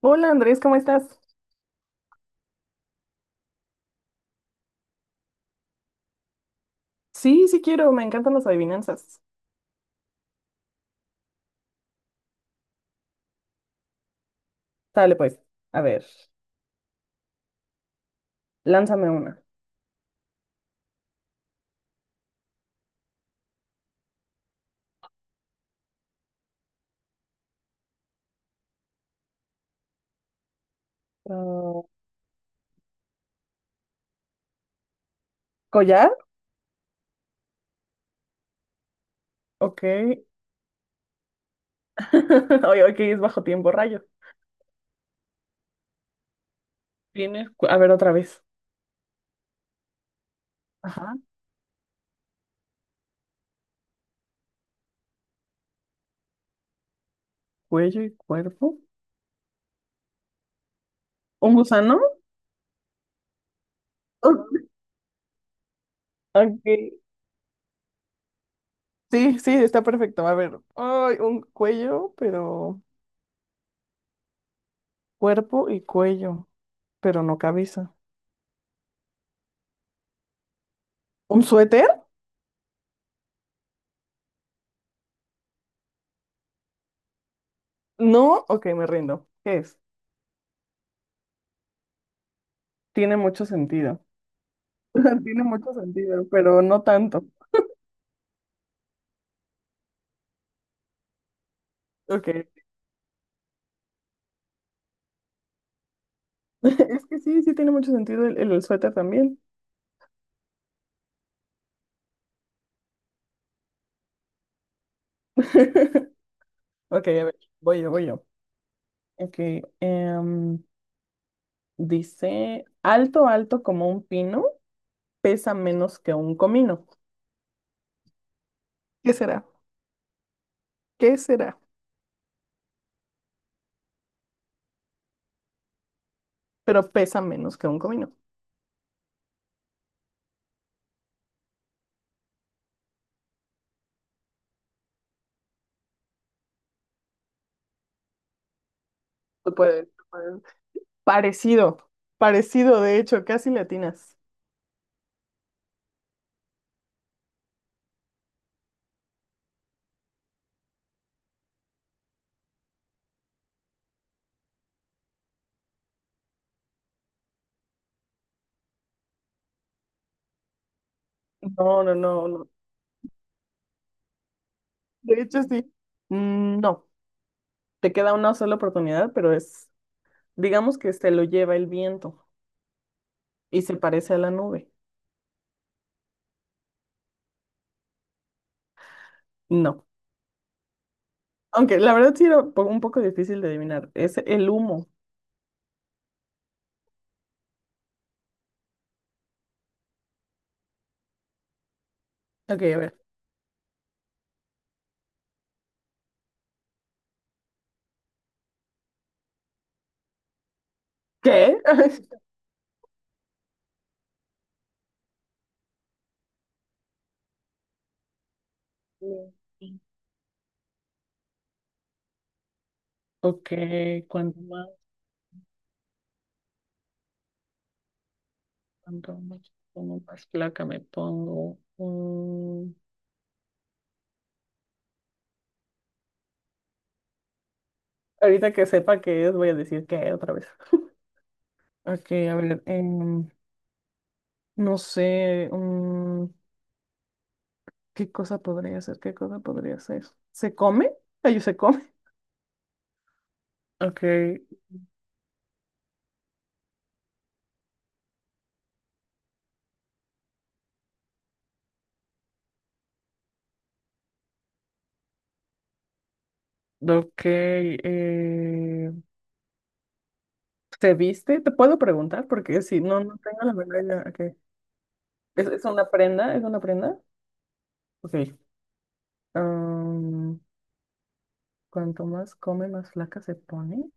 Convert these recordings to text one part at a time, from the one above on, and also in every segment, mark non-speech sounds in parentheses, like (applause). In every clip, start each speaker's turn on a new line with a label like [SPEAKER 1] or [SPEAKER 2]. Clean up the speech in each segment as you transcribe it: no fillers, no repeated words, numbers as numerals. [SPEAKER 1] Hola Andrés, ¿cómo estás? Sí, sí quiero, me encantan las adivinanzas. Dale pues, a ver, lánzame una. Ah, ¿collar? Ok. (laughs) Oye, ok, es bajo tiempo, rayo. Tiene, a ver otra vez. Ajá, cuello y cuerpo. ¿Un gusano? Oh, ok. Sí, sí, está perfecto. A ver, ay, un cuello, pero cuerpo y cuello, pero no cabeza. ¿Un suéter? No, ok, me rindo. ¿Qué es? Tiene mucho sentido. (laughs) Tiene mucho sentido, pero no tanto. Ok. (laughs) Es que sí, sí tiene mucho sentido el suéter también. (laughs) Ok, a ver, voy yo. Ok, em, dice, alto, alto como un pino, pesa menos que un comino. ¿Qué será? ¿Qué será? Pero pesa menos que un comino. Tú puedes, tú puedes. Parecido, parecido, de hecho, casi latinas. No, no, no, no. De hecho, sí. Mm, no, te queda una sola oportunidad, pero es, digamos que se lo lleva el viento y se parece a la nube. No. Aunque la verdad sí era un poco difícil de adivinar. Es el humo. Ok, a ver. ¿Qué? (laughs) Mm. Ok, cuanto más, cuanto más placa me pongo. Mm, ahorita que sepa qué es, voy a decir qué otra vez. Ok, a ver, no sé, ¿qué cosa podría ser? ¿Qué cosa podría ser? ¿Se come? Ay, se come. Ok, ok, ¿se viste? ¿Te puedo preguntar? Porque si no, no tengo la menor idea. Okay. Es una prenda? ¿Es una prenda? Ok. am, cuanto más come, más flaca se pone.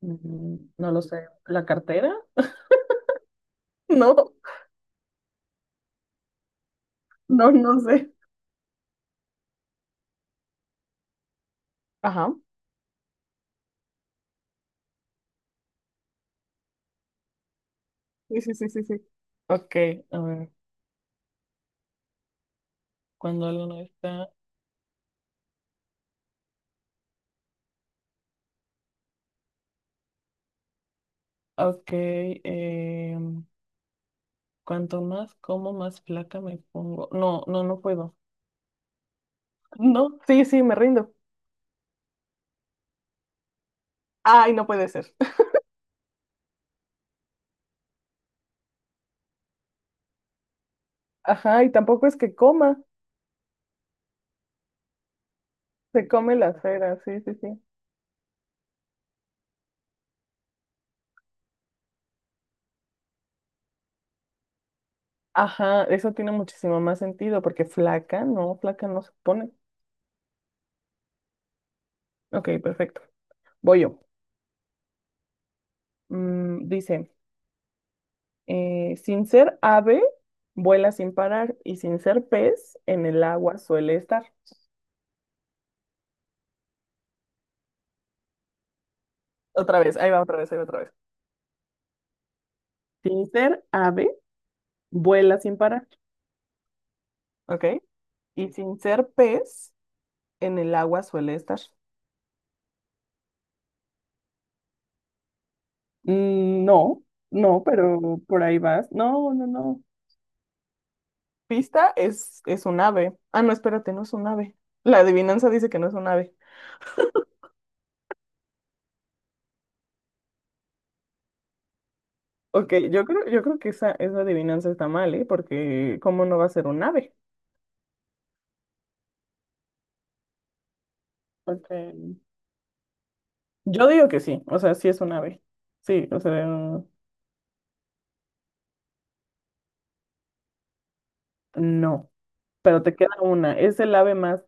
[SPEAKER 1] Mm, no lo sé. ¿La cartera? (laughs) No, no, no sé. Ajá. Sí, sí, sí, sí, sí. Ok, a ver. Cuando algo no está. Ok. em, cuanto más como, más flaca me pongo. No, no, no puedo. (laughs) No, sí, sí, me rindo. Ay, no puede ser. Ajá, y tampoco es que coma, se come las feras, sí, sí, sí. Ajá, eso tiene muchísimo más sentido porque flaca no se pone. Ok, perfecto. Voy yo. Mm, dice, sin ser ave, vuela sin parar y sin ser pez, en el agua suele estar. Otra vez, ahí va otra vez, ahí va otra vez. Sin ser ave, vuela sin parar, ¿ok? Y sin ser pez, en el agua suele estar. Mm, no, no, pero por ahí vas. No, no, no. Pista es un ave. Ah, no, espérate, no es un ave. La adivinanza dice que no es un ave. Ok, yo creo que esa adivinanza está mal, ¿eh? Porque ¿cómo no va a ser un ave? Porque yo digo que sí, o sea, sí es un ave. Sí, o sea, no. Pero te queda una. Es el ave más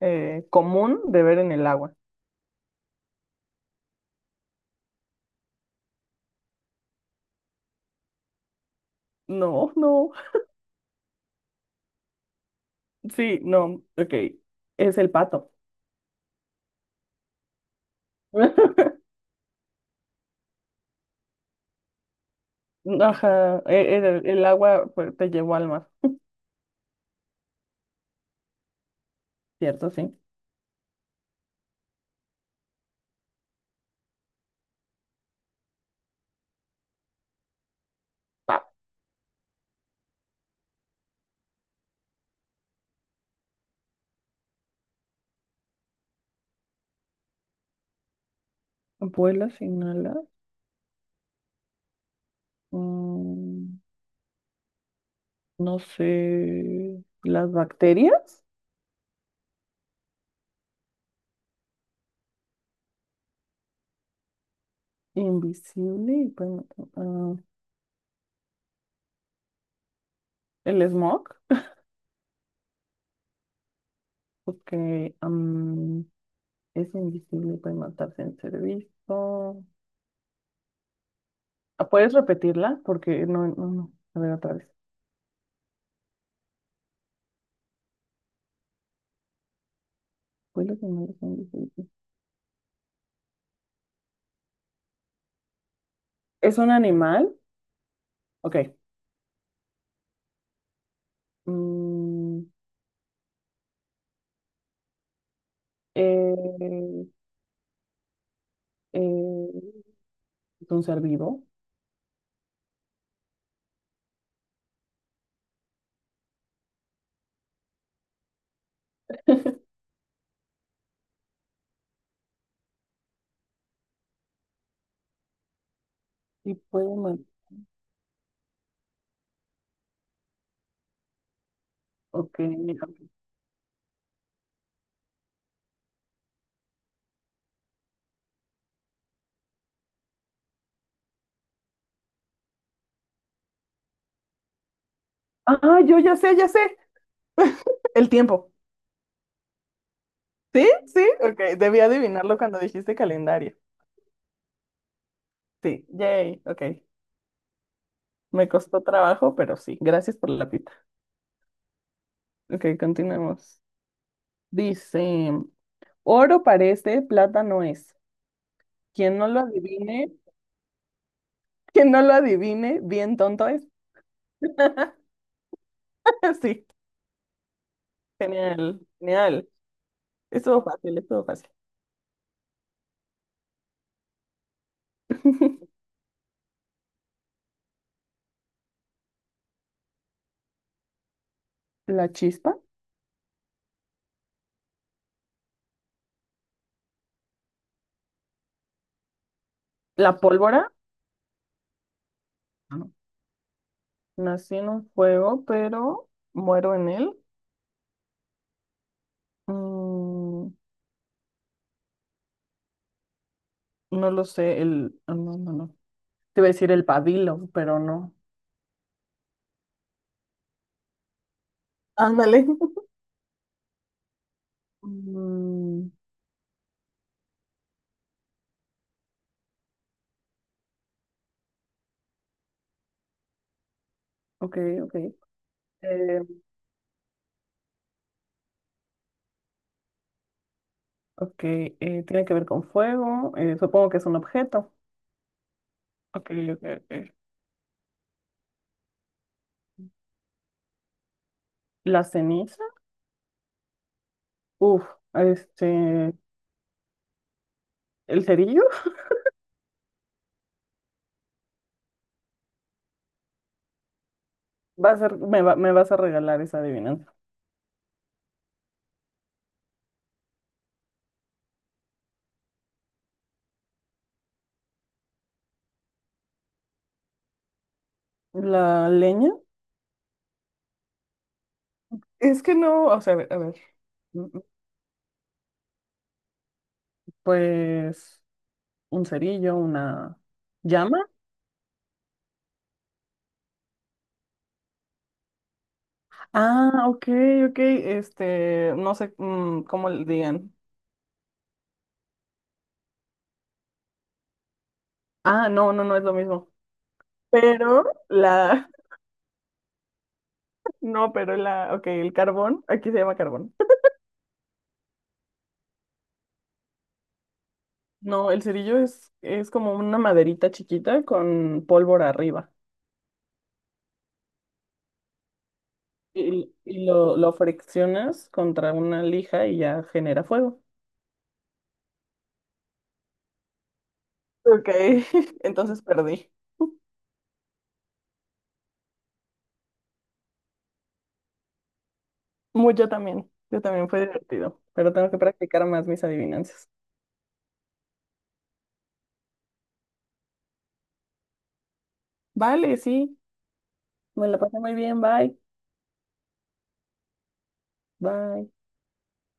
[SPEAKER 1] común de ver en el agua. No, no. Sí, no. Ok. Es el pato. (laughs) Ajá. El agua pues, te llevó al mar, ¿cierto? Sí. Vuelas, inhalas. mm, no sé. Las bacterias. Invisible y ah, el smog. (laughs) Porque es invisible y puede matarse en servicio. Ah, ¿puedes repetirla? Porque no, no, no. A ver, otra vez. Vuelas, inhalas, invisible. ¿Es un animal? Ok. Mm, eh, eh, es un ser vivo. (laughs) Y puede matar. Ok, mira. Ah, yo ya sé, ya sé. (laughs) El tiempo. ¿Sí? ¿Sí? Ok, debí adivinarlo cuando dijiste calendario. Sí, yay, ok. Me costó trabajo, pero sí, gracias por la pita. Ok, continuemos. Dice, oro parece, plata no es. Quien no lo adivine, quien no lo adivine, bien tonto es. (laughs) Sí, genial, genial. Estuvo fácil, estuvo fácil. (laughs) La chispa, la pólvora. No. Nací en un fuego, pero muero en él. Mm, no lo sé, el... ah, no, no, no. Te iba a decir el pabilo, pero no. Ándale. (laughs) Mm, ok, ok. Eh, ok, tiene que ver con fuego. Eh, supongo que es un objeto. Ok, ok, ok. La ceniza. Uf, este. El cerillo. Va a ser, me vas a regalar esa adivinanza. La leña. Es que no, o sea, a ver, a ver. Mm, pues un cerillo, una llama. Ah, ok, ok. Este, no sé cómo le digan. Ah, no, no, no es lo mismo. Pero la, (laughs) no, pero la, ok, el carbón, aquí se llama carbón. No, el cerillo es como una maderita chiquita con pólvora arriba. Y, y lo friccionas contra una lija y ya genera fuego. Ok, (laughs) entonces perdí. Muy, yo también fue divertido, pero tengo que practicar más mis adivinanzas. Vale, sí, me la pasé muy bien, bye, bye.